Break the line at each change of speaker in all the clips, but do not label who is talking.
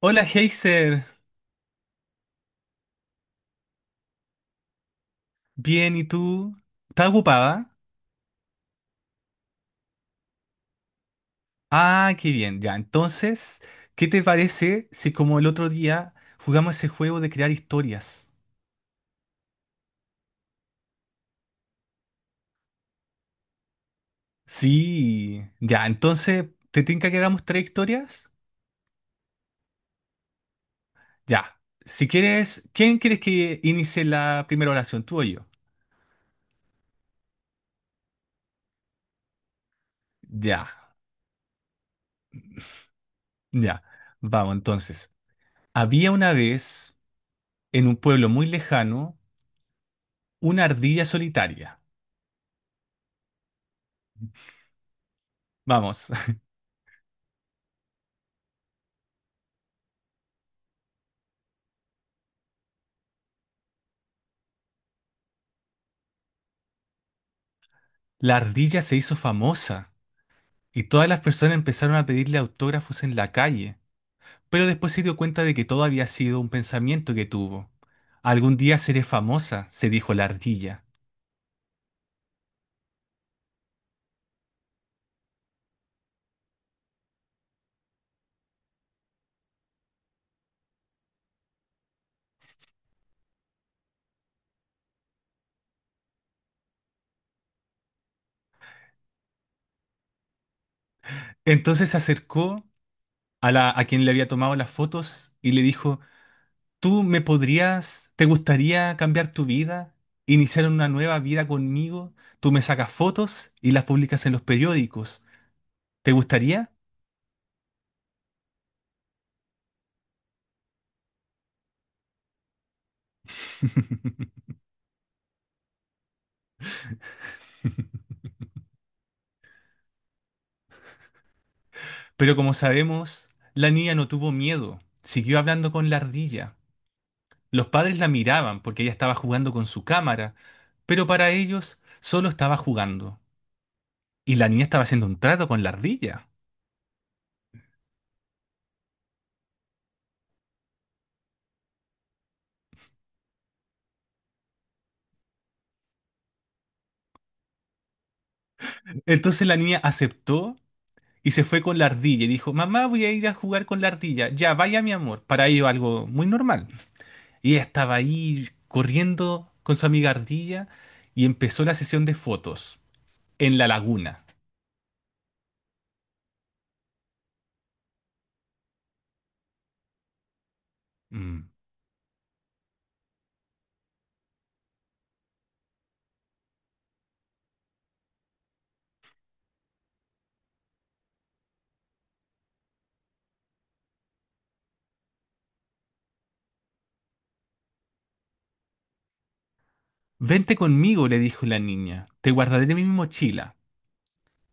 Hola, Heiser. Bien, ¿y tú? ¿Estás ocupada? Ah, qué bien, ya. Entonces, ¿qué te parece si como el otro día jugamos ese juego de crear historias? Sí, ya. Entonces, ¿te tinca que hagamos tres historias? Ya. Si quieres, ¿quién quieres que inicie la primera oración, tú o yo? Ya, ya. Vamos, entonces. Había una vez, en un pueblo muy lejano, una ardilla solitaria. Vamos, la ardilla se hizo famosa. Y todas las personas empezaron a pedirle autógrafos en la calle, pero después se dio cuenta de que todo había sido un pensamiento que tuvo. Algún día seré famosa, se dijo la ardilla. Entonces se acercó a quien le había tomado las fotos y le dijo, ¿tú me podrías, te gustaría cambiar tu vida, iniciar una nueva vida conmigo? Tú me sacas fotos y las publicas en los periódicos. ¿Te gustaría? Pero como sabemos, la niña no tuvo miedo, siguió hablando con la ardilla. Los padres la miraban porque ella estaba jugando con su cámara, pero para ellos solo estaba jugando. Y la niña estaba haciendo un trato con la ardilla. Entonces la niña aceptó y se fue con la ardilla y dijo, mamá, voy a ir a jugar con la ardilla. Ya, vaya mi amor. Para ello algo muy normal. Y ella estaba ahí corriendo con su amiga ardilla y empezó la sesión de fotos en la laguna. Mm. Vente conmigo, le dijo la niña. Te guardaré en mi mochila,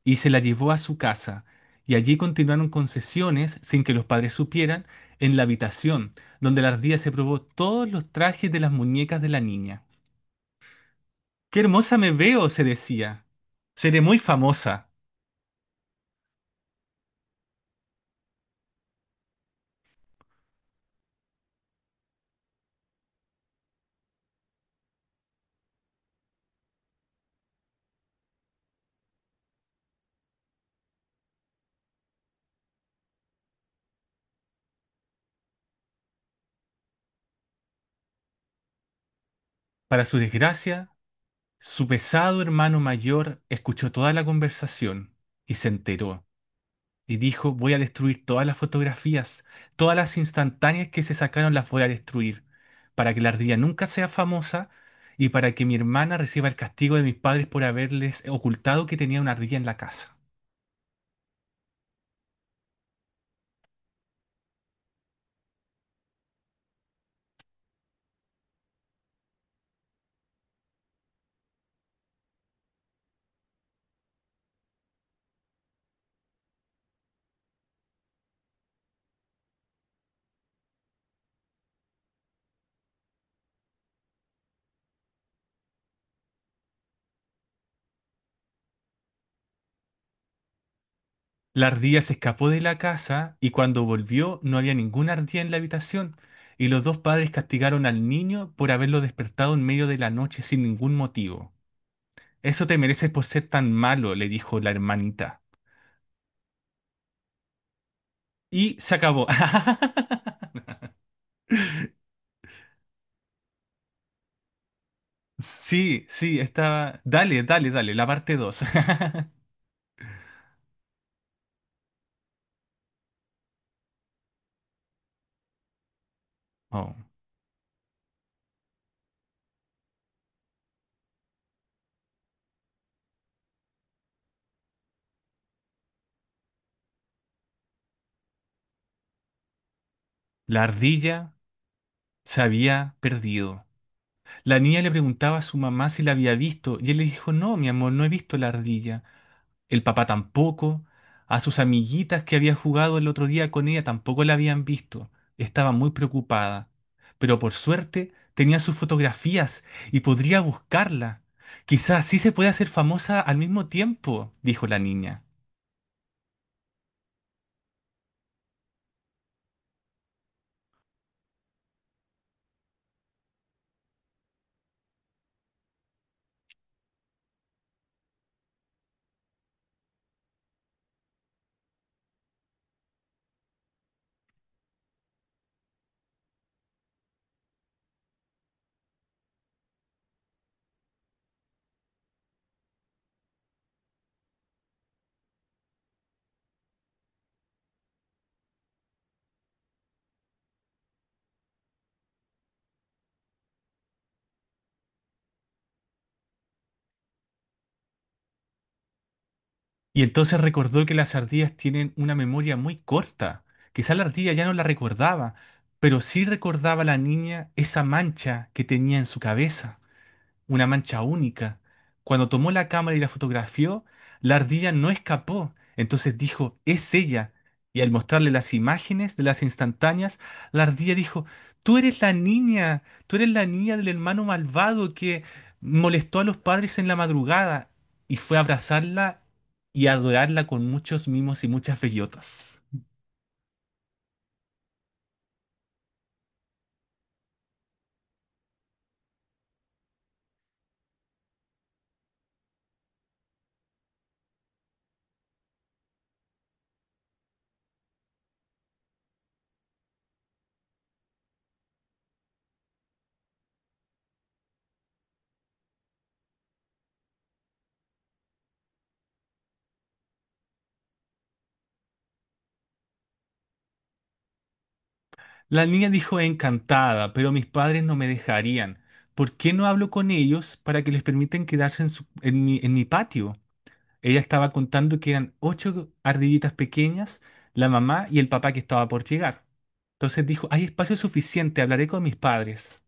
y se la llevó a su casa. Y allí continuaron con sesiones, sin que los padres supieran, en la habitación, donde la ardilla se probó todos los trajes de las muñecas de la niña. ¡Qué hermosa me veo!, se decía. Seré muy famosa. Para su desgracia, su pesado hermano mayor escuchó toda la conversación y se enteró. Y dijo, voy a destruir todas las fotografías, todas las instantáneas que se sacaron las voy a destruir, para que la ardilla nunca sea famosa y para que mi hermana reciba el castigo de mis padres por haberles ocultado que tenía una ardilla en la casa. La ardilla se escapó de la casa y cuando volvió no había ninguna ardilla en la habitación y los dos padres castigaron al niño por haberlo despertado en medio de la noche sin ningún motivo. Eso te mereces por ser tan malo, le dijo la hermanita. Y se acabó. Sí, sí, estaba. Dale, dale, dale, la parte 2. Oh. La ardilla se había perdido. La niña le preguntaba a su mamá si la había visto y él le dijo, no, mi amor, no he visto la ardilla. El papá tampoco. A sus amiguitas que había jugado el otro día con ella tampoco la habían visto. Estaba muy preocupada. Pero por suerte tenía sus fotografías y podría buscarla. Quizás sí se puede hacer famosa al mismo tiempo, dijo la niña. Y entonces recordó que las ardillas tienen una memoria muy corta. Quizá la ardilla ya no la recordaba, pero sí recordaba la niña esa mancha que tenía en su cabeza, una mancha única. Cuando tomó la cámara y la fotografió, la ardilla no escapó. Entonces dijo, es ella. Y al mostrarle las imágenes de las instantáneas, la ardilla dijo, tú eres la niña, tú eres la niña del hermano malvado que molestó a los padres en la madrugada. Y fue a abrazarla y a adorarla con muchos mimos y muchas bellotas. La niña dijo encantada, pero mis padres no me dejarían. ¿Por qué no hablo con ellos para que les permitan quedarse en, en en mi patio? Ella estaba contando que eran ocho ardillitas pequeñas, la mamá y el papá que estaba por llegar. Entonces dijo, hay espacio suficiente, hablaré con mis padres.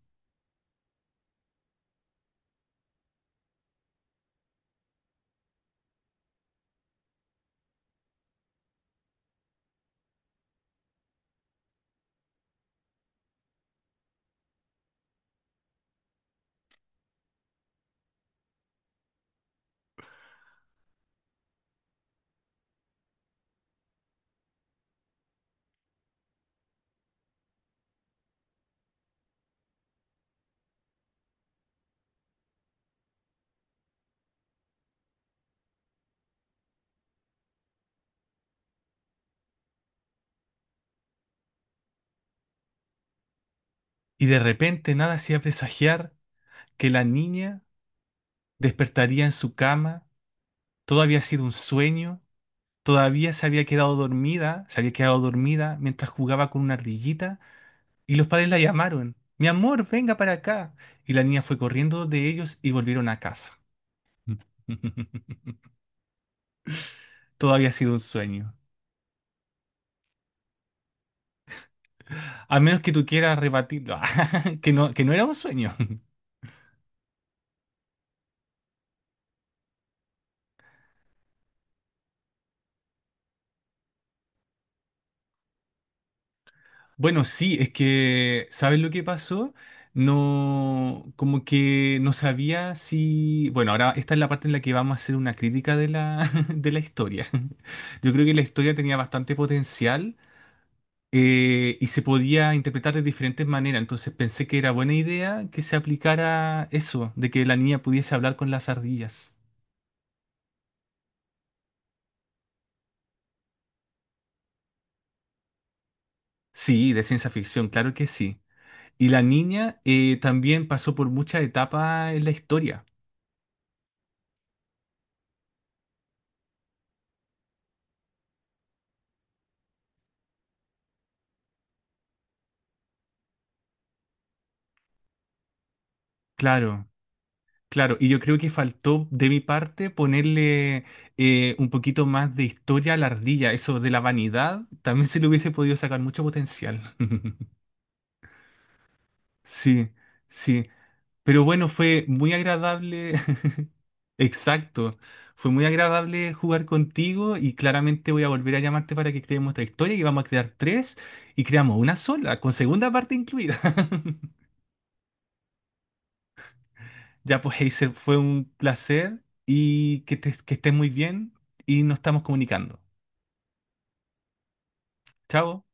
Y de repente nada hacía presagiar que la niña despertaría en su cama. Todo había sido un sueño. Todavía se había quedado dormida mientras jugaba con una ardillita. Y los padres la llamaron. Mi amor, venga para acá. Y la niña fue corriendo de ellos y volvieron a casa. Todo había sido un sueño. A menos que tú quieras rebatirlo, que no era un sueño. Bueno, sí, es que, ¿sabes lo que pasó? No, como que no sabía si... Bueno, ahora esta es la parte en la que vamos a hacer una crítica de de la historia. Yo creo que la historia tenía bastante potencial, y se podía interpretar de diferentes maneras. Entonces pensé que era buena idea que se aplicara eso, de que la niña pudiese hablar con las ardillas. Sí, de ciencia ficción, claro que sí. Y la niña también pasó por muchas etapas en la historia. Claro, claro. Y yo creo que faltó de mi parte ponerle un poquito más de historia a la ardilla. Eso de la vanidad, también se le hubiese podido sacar mucho potencial. Sí, sí. Pero bueno, fue muy agradable. Exacto. Fue muy agradable jugar contigo y claramente voy a volver a llamarte para que creemos otra historia y vamos a crear tres y creamos una sola, con segunda parte incluida. Ya pues, Heiser, fue un placer y que, que estés muy bien y nos estamos comunicando. Chao.